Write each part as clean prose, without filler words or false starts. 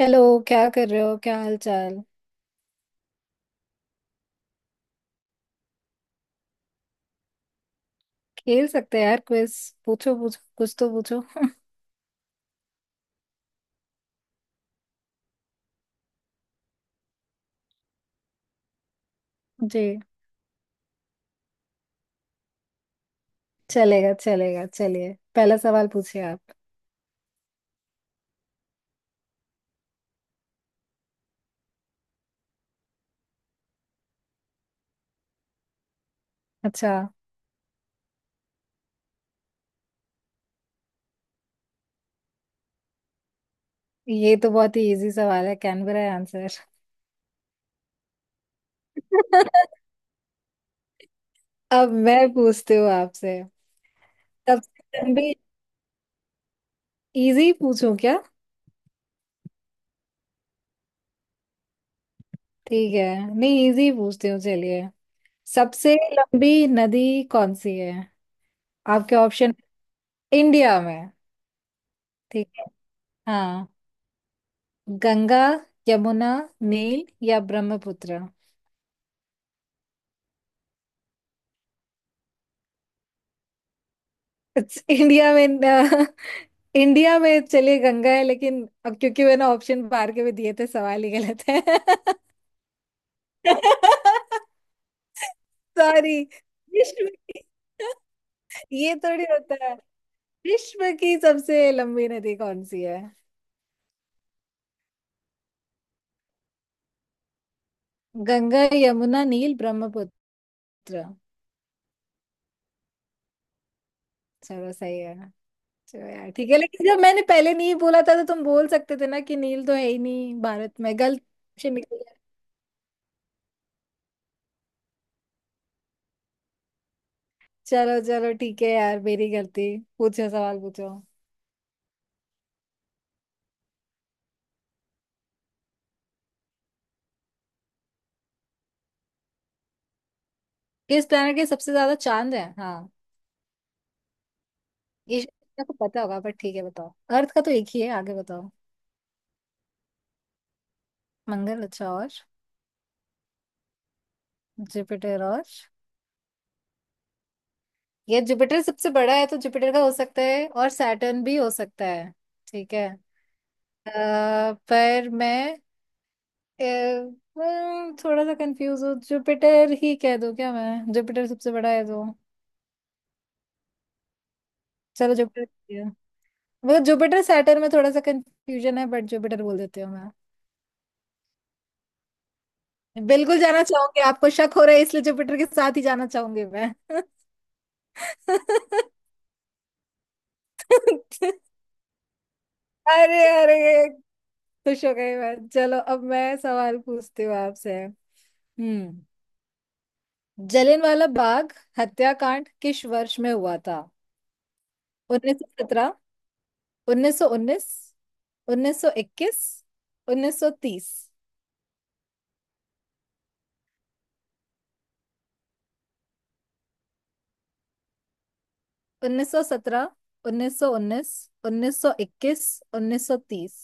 Hello. क्या कर रहे हो, क्या हाल चाल। खेल सकते हैं यार क्विज। पूछो पूछो, कुछ तो पूछो। जी। चलेगा चलेगा, चलिए पहला सवाल पूछिए आप। अच्छा, ये तो बहुत ही इजी सवाल है, कैनबरा है आंसर। अब मैं पूछती हूँ आपसे। सबसे लंबी, इजी पूछूं क्या? ठीक है। नहीं, इजी पूछती हूँ चलिए। सबसे लंबी नदी कौन सी है? आपके ऑप्शन। इंडिया में। ठीक है। हाँ। गंगा, यमुना, नील या ब्रह्मपुत्र। It's- इंडिया में अ, इंडिया में, चलिए गंगा है, लेकिन अब क्योंकि मैंने ऑप्शन बाहर के भी दिए थे, सवाल ही गलत है। सॉरी। विश्व की ये थोड़ी होता है। विश्व की सबसे लंबी नदी कौन सी है? गंगा, यमुना, नील, ब्रह्मपुत्र। चलो सही है। चलो यार ठीक है, लेकिन जब मैंने पहले नहीं बोला था तो तुम बोल सकते थे ना कि नील तो है ही नहीं भारत में, गलत से। चलो चलो ठीक है यार, मेरी गलती। पूछो सवाल पूछो। किस प्लैनेट के सबसे ज्यादा चांद है? हाँ। ये शायद आपको पता होगा पर ठीक है, बताओ। अर्थ का तो एक ही है, आगे बताओ। मंगल, अच्छा और। जुपिटर और? ये जुपिटर सबसे बड़ा है तो जुपिटर का हो सकता है, और सैटर्न भी हो सकता है। ठीक है। अ, पर मैं अ, थोड़ा सा कंफ्यूज हूँ। जुपिटर ही कह दूँ क्या मैं? जुपिटर सबसे बड़ा है तो। चलो जुपिटर। मतलब जुपिटर सैटर्न में थोड़ा सा कंफ्यूजन है, बट जुपिटर बोल देती हूँ। बिल्कुल जाना चाहूंगी। आपको शक हो रहा है इसलिए जुपिटर के साथ ही जाना चाहूंगी मैं। अरे, अरे, खुश हो गई मैं। चलो, अब मैं सवाल पूछती हूँ आपसे। हम्म जलियांवाला बाग हत्याकांड किस वर्ष में हुआ था? 1917, 1919, 1921, 1930। 1917, उन्नीस सौ उन्नीस, उन्नीस सौ इक्कीस, उन्नीस सौ तीस।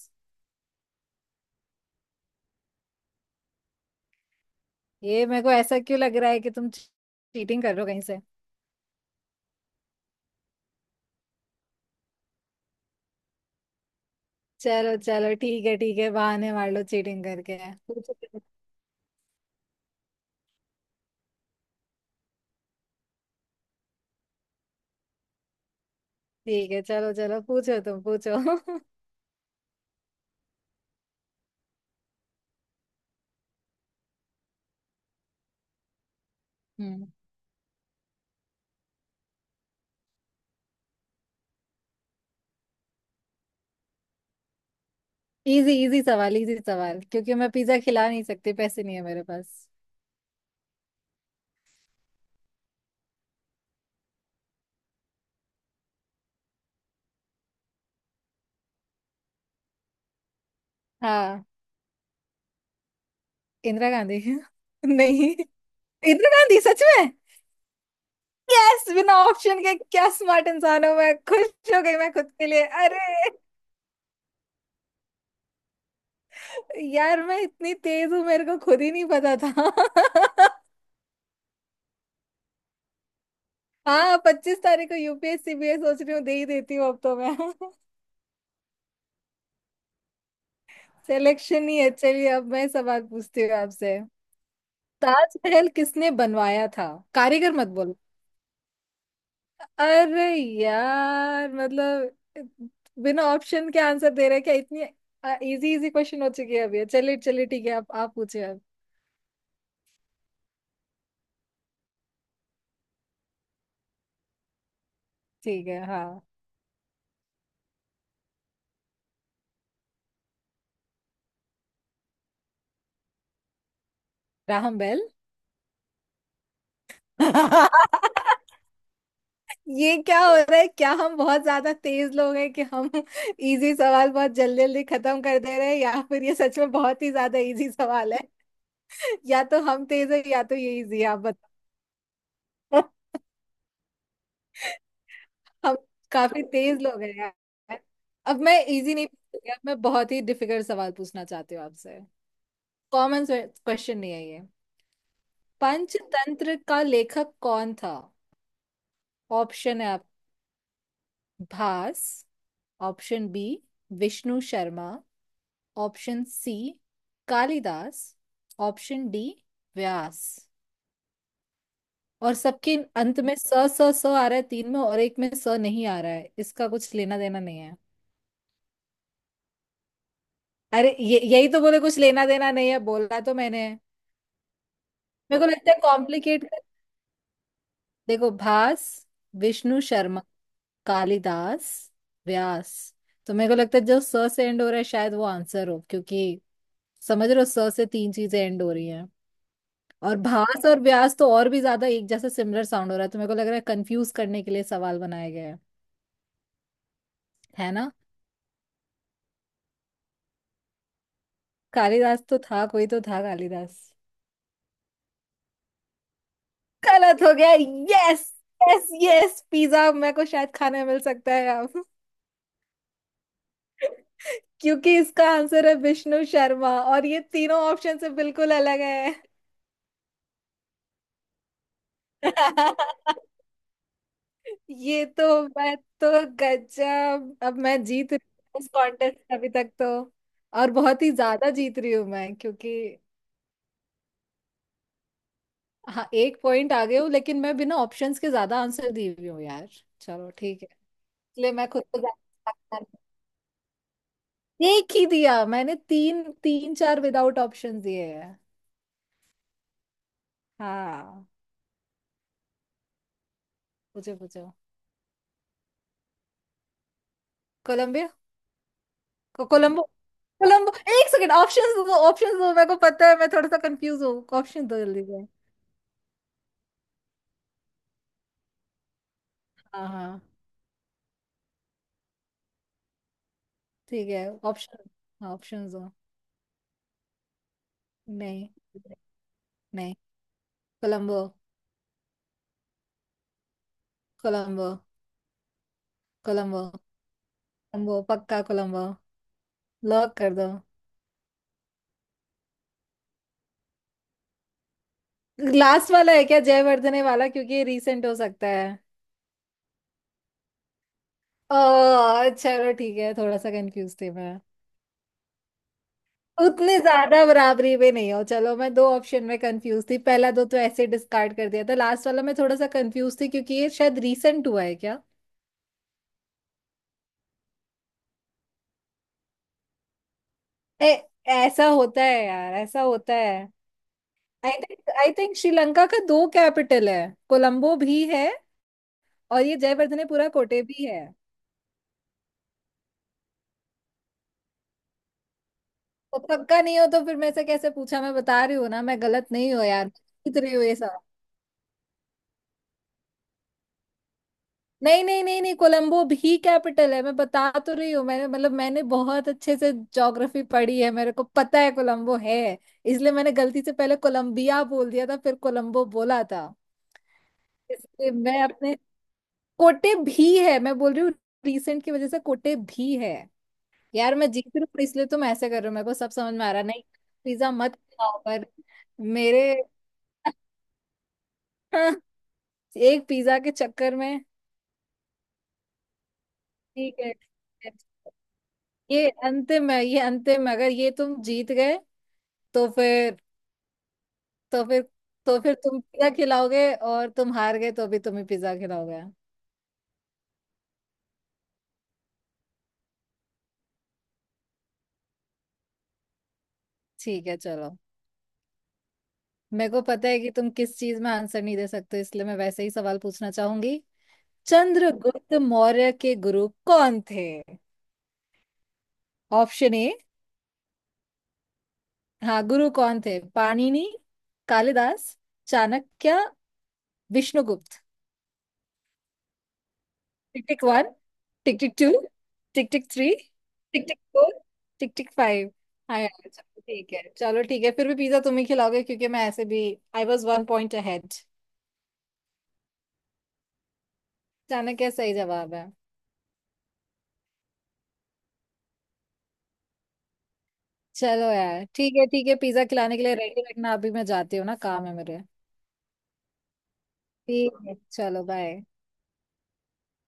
ये मेरे को ऐसा क्यों लग रहा है कि तुम चीटिंग कर रहे हो कहीं से? चलो चलो, ठीक है ठीक है, बहाने मार लो चीटिंग करके। पूछो। ठीक है, चलो चलो, पूछो तुम पूछो। हम्म इजी इजी सवाल, इजी सवाल, क्योंकि मैं पिज्जा खिला नहीं सकती, पैसे नहीं है मेरे पास। हाँ, इंदिरा गांधी। नहीं, इंदिरा गांधी सच में? यस, बिना ऑप्शन के, क्या स्मार्ट इंसान हूँ मैं, खुश हो गई मैं खुद के लिए। अरे, यार मैं इतनी तेज हूँ, मेरे को खुद ही नहीं पता था। हाँ, 25 तारीख को यूपीएससी बीए सोच रही हूँ, दे ही देती हूँ अब तो मैं। सिलेक्शन ही है, चलिए अब मैं सवाल पूछती हूँ आपसे। ताजमहल किसने बनवाया था? कारीगर मत बोलो। अरे यार, मतलब बिना ऑप्शन के आंसर दे रहे हैं क्या, इतनी इजी इजी क्वेश्चन हो चुकी है अभी। चलिए चलिए ठीक है, आप पूछिए अब। ठीक है, हाँ। राहम बेल। ये क्या हो रहा है, क्या हम बहुत ज्यादा तेज लोग हैं कि हम इजी सवाल बहुत जल्दी जल्दी खत्म कर दे रहे हैं, या फिर ये सच में बहुत ही ज्यादा इजी सवाल है? या तो हम तेज है या तो ये इजी है, आप बताओ। हम काफी तेज लोग हैं यार। अब मैं इजी नहीं पूछूंगी, अब मैं बहुत ही डिफिकल्ट सवाल पूछना चाहती हूँ आपसे। कॉमन क्वेश्चन नहीं है ये। पंचतंत्र का लेखक कौन था? ऑप्शन है आप, Bhasa. Option B, Vishnu Sharma. Option C, Kalidas. Option D, Vyas. और सबके अंत में स, स स आ रहा है तीन में, और एक में स नहीं आ रहा है, इसका कुछ लेना देना नहीं है। अरे, ये यही तो बोले कुछ लेना देना नहीं है, बोला तो मैंने। मेरे को लगता है कॉम्प्लिकेट कर। देखो, भास, विष्णु शर्मा, कालिदास, व्यास। तो मेरे को लगता है जो स से एंड हो रहा है शायद वो आंसर हो, क्योंकि समझ रहे हो, स से तीन चीजें एंड हो रही हैं। और भास और व्यास तो और भी ज्यादा एक जैसा सिमिलर साउंड हो रहा है, तो मेरे को लग रहा है कंफ्यूज करने के लिए सवाल बनाया गया है। है ना? कालिदास तो था, कोई तो था कालिदास। गलत हो गया। यस, यस यस, पिज्जा मेरे को शायद खाने मिल सकता है अब, क्योंकि इसका आंसर है विष्णु शर्मा, और ये तीनों ऑप्शन से बिल्कुल अलग है। ये तो, मैं तो, गजब, अब मैं जीत रही हूँ इस कॉन्टेस्ट अभी तक तो, और बहुत ही ज्यादा जीत रही हूँ मैं क्योंकि, हाँ, एक पॉइंट आगे हूँ लेकिन मैं बिना ऑप्शंस के ज्यादा आंसर दी हुई हूँ यार। चलो ठीक है। इसलिए मैं खुद को ज्यादा, एक ही दिया मैंने, तीन तीन चार विदाउट ऑप्शन दिए हैं। हाँ, पूछो पूछो। कोलंबिया। कोलंबो, कोलंबो। एक सेकंड, ऑप्शंस दो, ऑप्शंस दो, मेरे को पता है, मैं थोड़ा सा कंफ्यूज हूँ। ऑप्शन दो जल्दी से। हाँ हाँ, ठीक है ऑप्शन। हाँ, ऑप्शंस दो। नहीं, नहीं, कोलंबो। कोलंबो। कोलंबो। कोलंबो पक्का। कोलंबो, लॉक कर दो। लास्ट वाला है क्या जयवर्धने वाला, क्योंकि ये रिसेंट हो सकता है? ओ, चलो ठीक है, थोड़ा सा कंफ्यूज थी मैं। उतने ज्यादा बराबरी पे नहीं हो, चलो मैं दो ऑप्शन में कंफ्यूज थी, पहला दो तो ऐसे डिस्कार्ड कर दिया था, लास्ट वाला मैं थोड़ा सा कंफ्यूज थी क्योंकि ये शायद रीसेंट हुआ है क्या। ए, ऐसा होता है यार, ऐसा होता है। आई थिंक श्रीलंका का दो कैपिटल है, कोलंबो भी है, और ये जयवर्धनेपुरा कोटे भी है। तो पक्का नहीं हो तो फिर मैं से कैसे पूछा, मैं बता रही हूँ ना, मैं गलत नहीं हूँ यार, जीत रही हूँ ये। नहीं, नहीं, नहीं, नहीं, कोलंबो भी कैपिटल है, मैं बता तो रही हूँ, मैंने मतलब मैंने बहुत अच्छे से ज्योग्राफी पढ़ी है, मेरे को पता है कोलंबो है। इसलिए मैंने गलती से पहले कोलंबिया बोल दिया था, फिर कोलंबो बोला था। इसलिए मैं अपने कोटे भी है, मैं बोल रही हूँ, रिसेंट की वजह से कोटे भी है। यार मैं जीत रही हूँ इसलिए तुम ऐसे कर रहे हो, मेरे को सब समझ में आ रहा है। नहीं, पिज्जा मत खाओ पर। मेरे, एक पिज्जा के चक्कर में। ठीक है ठीक है। ये अंतिम है, ये अंतिम है, अगर ये तुम जीत गए तो फिर, तो फिर तुम पिज्जा खिलाओगे, और तुम हार गए तो भी तुम्हें पिज्जा खिलाओगे। ठीक है चलो। मेरे को पता है कि तुम किस चीज में आंसर नहीं दे सकते, इसलिए मैं वैसे ही सवाल पूछना चाहूंगी। चंद्रगुप्त मौर्य के गुरु कौन थे? Option A. हाँ, गुरु कौन थे? Panini, Kalidas, Chanakya, Vishnugupta. Tick tick one, tick tick two, tick tick three, tick tick four, tick tick five. हाँ यार, चलो ठीक है, चलो ठीक है, फिर भी पिज्जा तुम ही खिलाओगे क्योंकि मैं ऐसे भी I was one point ahead. Chanakya क्या सही जवाब है? चलो यार ठीक है, ठीक है, पिज्जा खिलाने के लिए रेडी रखना, अभी मैं जाती हूँ ना, काम है मेरे। ठीक है चलो, बाय।